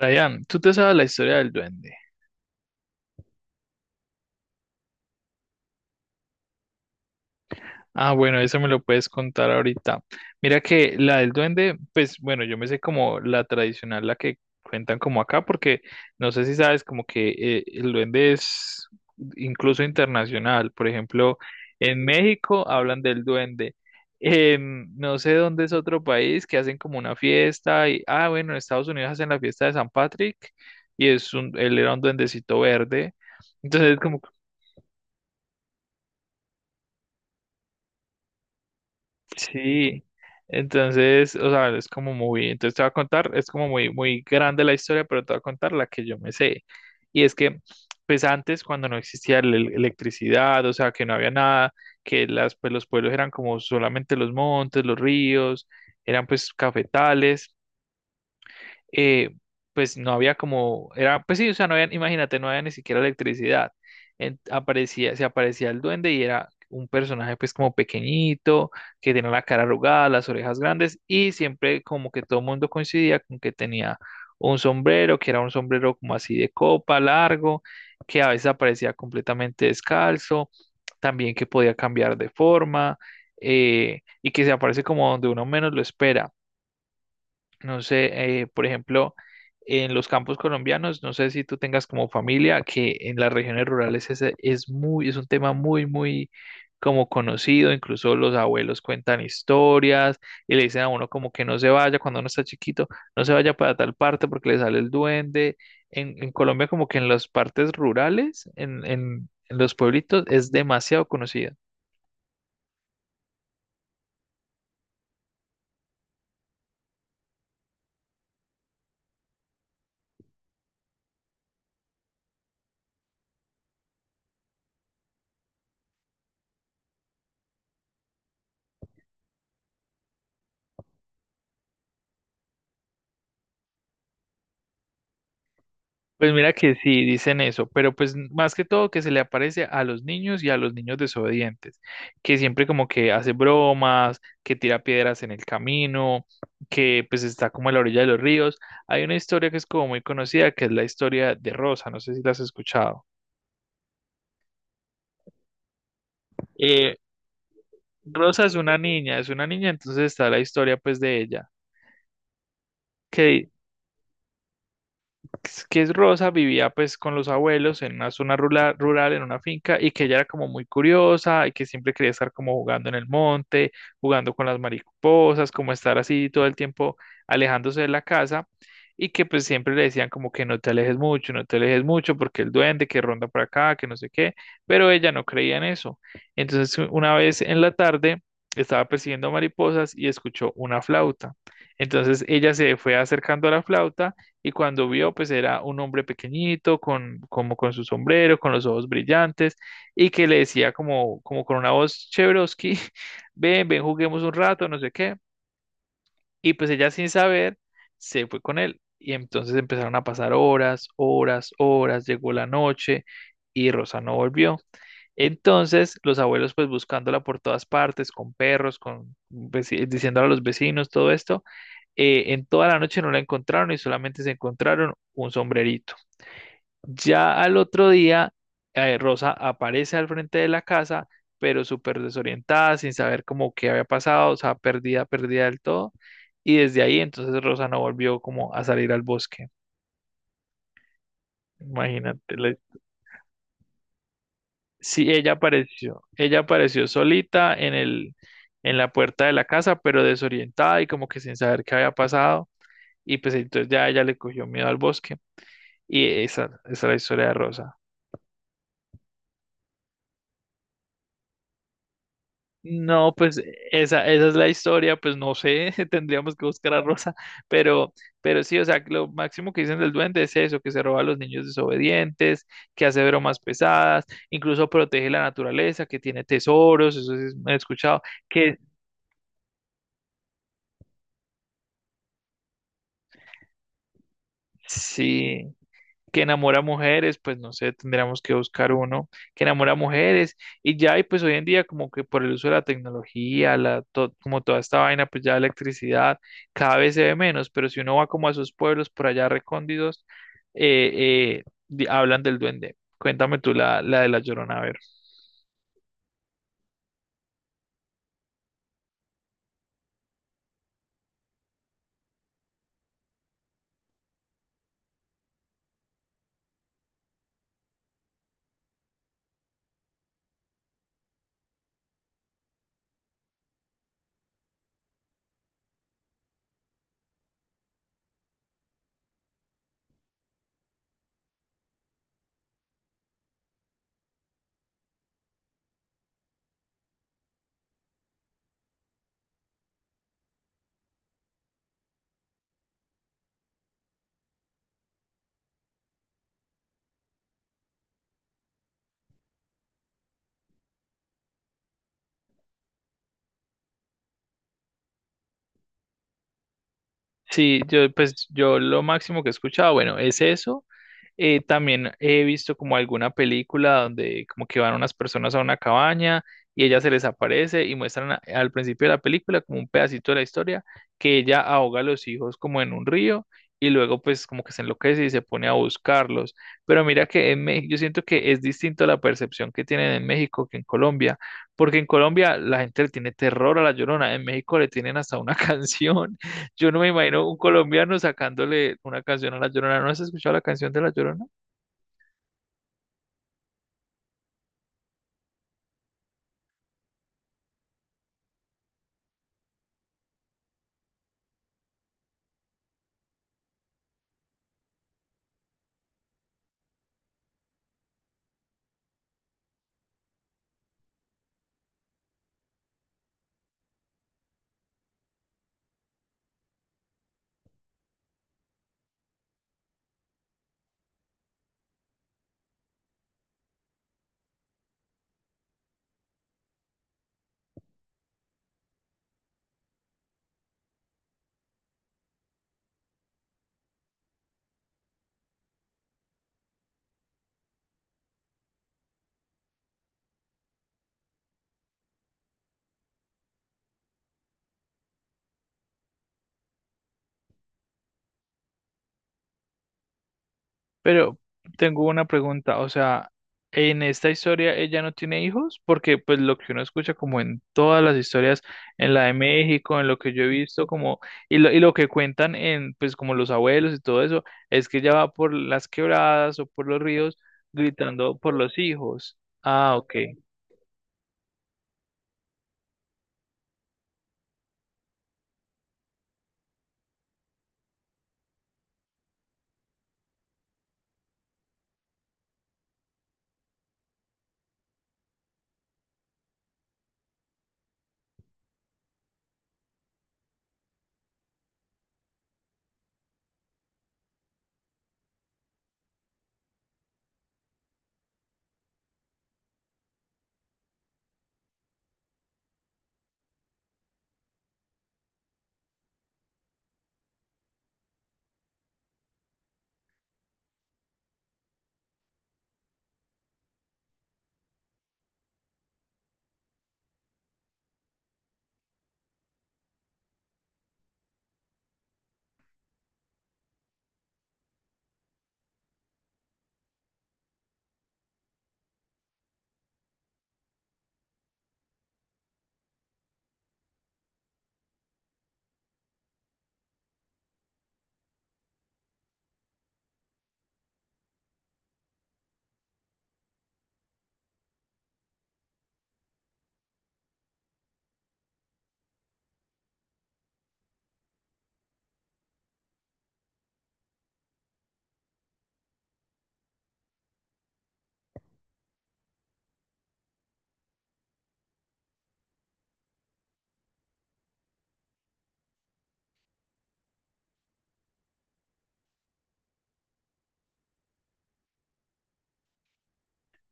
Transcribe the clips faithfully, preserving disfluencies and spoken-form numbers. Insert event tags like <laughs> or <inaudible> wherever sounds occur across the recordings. ¿Ryan, tú te sabes la historia del duende? Ah, bueno, eso me lo puedes contar ahorita. Mira que la del duende, pues bueno, yo me sé como la tradicional, la que cuentan como acá, porque no sé si sabes como que eh, el duende es incluso internacional. Por ejemplo, en México hablan del duende. En no sé dónde es otro país que hacen como una fiesta y, ah, bueno, en Estados Unidos hacen la fiesta de San Patrick y es un, él era un duendecito verde. Entonces, como sí, entonces, o sea, es como muy, entonces te voy a contar, es como muy, muy grande la historia, pero te voy a contar la que yo me sé. Y es que, pues antes, cuando no existía la el- electricidad, o sea, que no había nada, que las, pues, los pueblos eran como solamente los montes, los ríos, eran pues cafetales, eh, pues no había como, era, pues sí, o sea, no había, imagínate, no había ni siquiera electricidad. En- aparecía, se aparecía el duende y era un personaje pues como pequeñito, que tenía la cara arrugada, las orejas grandes y siempre como que todo el mundo coincidía con que tenía un sombrero, que era un sombrero como así de copa, largo, que a veces aparecía completamente descalzo, también que podía cambiar de forma, eh, y que se aparece como donde uno menos lo espera. No sé, eh, por ejemplo, en los campos colombianos, no sé si tú tengas como familia que en las regiones rurales es, es muy, es un tema muy, muy como conocido, incluso los abuelos cuentan historias y le dicen a uno como que no se vaya cuando uno está chiquito, no se vaya para tal parte porque le sale el duende. En, en Colombia como que en las partes rurales, en, en en los pueblitos, es demasiado conocido. Pues mira que sí, dicen eso, pero pues más que todo que se le aparece a los niños y a los niños desobedientes, que siempre como que hace bromas, que tira piedras en el camino, que pues está como a la orilla de los ríos. Hay una historia que es como muy conocida, que es la historia de Rosa, no sé si la has escuchado. Eh, Rosa es una niña, es una niña, entonces está la historia pues de ella, que pues, que es Rosa, vivía pues con los abuelos en una zona rural, rural, en una finca, y que ella era como muy curiosa y que siempre quería estar como jugando en el monte, jugando con las mariposas, como estar así todo el tiempo alejándose de la casa, y que pues siempre le decían como que no te alejes mucho, no te alejes mucho, porque el duende que ronda por acá, que no sé qué, pero ella no creía en eso. Entonces una vez en la tarde estaba persiguiendo mariposas y escuchó una flauta. Entonces ella se fue acercando a la flauta y cuando vio, pues era un hombre pequeñito, con, como con su sombrero, con los ojos brillantes, y que le decía como, como con una voz Chevrosky, <laughs> ven, ven, juguemos un rato, no sé qué. Y pues ella sin saber, se fue con él. Y entonces empezaron a pasar horas, horas, horas, llegó la noche y Rosa no volvió. Entonces, los abuelos pues buscándola por todas partes, con perros, con veci- diciéndole a los vecinos todo esto, eh, en toda la noche no la encontraron y solamente se encontraron un sombrerito. Ya al otro día, eh, Rosa aparece al frente de la casa, pero súper desorientada, sin saber cómo qué había pasado, o sea, perdida, perdida del todo. Y desde ahí entonces Rosa no volvió como a salir al bosque. Imagínate, le- sí, ella apareció, ella apareció solita en el, en la puerta de la casa, pero desorientada y como que sin saber qué había pasado. Y pues entonces ya ella le cogió miedo al bosque. Y esa, esa es la historia de Rosa. No, pues esa, esa es la historia, pues no sé, <laughs> tendríamos que buscar a Rosa, pero, pero sí, o sea, lo máximo que dicen del duende es eso, que se roba a los niños desobedientes, que hace bromas pesadas, incluso protege la naturaleza, que tiene tesoros, eso sí es- me he escuchado, que sí, que enamora mujeres, pues no sé, tendríamos que buscar uno que enamora mujeres y ya, y pues hoy en día como que por el uso de la tecnología, la, to- como toda esta vaina, pues ya la electricidad cada vez se ve menos, pero si uno va como a esos pueblos por allá recóndidos, eh, eh, di- hablan del duende. Cuéntame tú la, la de la Llorona, a ver. Sí, yo pues yo lo máximo que he escuchado, bueno, es eso. Eh, también he visto como alguna película donde como que van unas personas a una cabaña y ella se les aparece y muestran a- al principio de la película como un pedacito de la historia que ella ahoga a los hijos como en un río y luego pues como que se enloquece y se pone a buscarlos. Pero mira que en México yo siento que es distinto la percepción que tienen en México que en Colombia, porque en Colombia la gente le tiene terror a la Llorona, en México le tienen hasta una <laughs> canción. Yo no me imagino un colombiano sacándole una canción a la Llorona. ¿No has escuchado la canción de la Llorona? Pero tengo una pregunta, o sea, en esta historia ella no tiene hijos, porque pues lo que uno escucha como en todas las historias, en la de México, en lo que yo he visto como, y lo, y lo que cuentan en pues como los abuelos y todo eso, es que ella va por las quebradas o por los ríos gritando por los hijos. Ah, ok.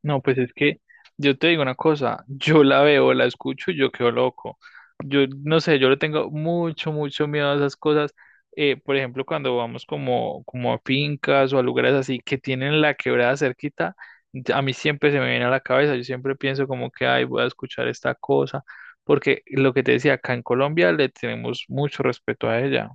No, pues es que yo te digo una cosa, yo la veo, la escucho y yo quedo loco. Yo no sé, yo le tengo mucho, mucho miedo a esas cosas. Eh, por ejemplo, cuando vamos como, como a fincas o a lugares así que tienen la quebrada cerquita, a mí siempre se me viene a la cabeza, yo siempre pienso como que, ay, voy a escuchar esta cosa, porque lo que te decía, acá en Colombia le tenemos mucho respeto a ella.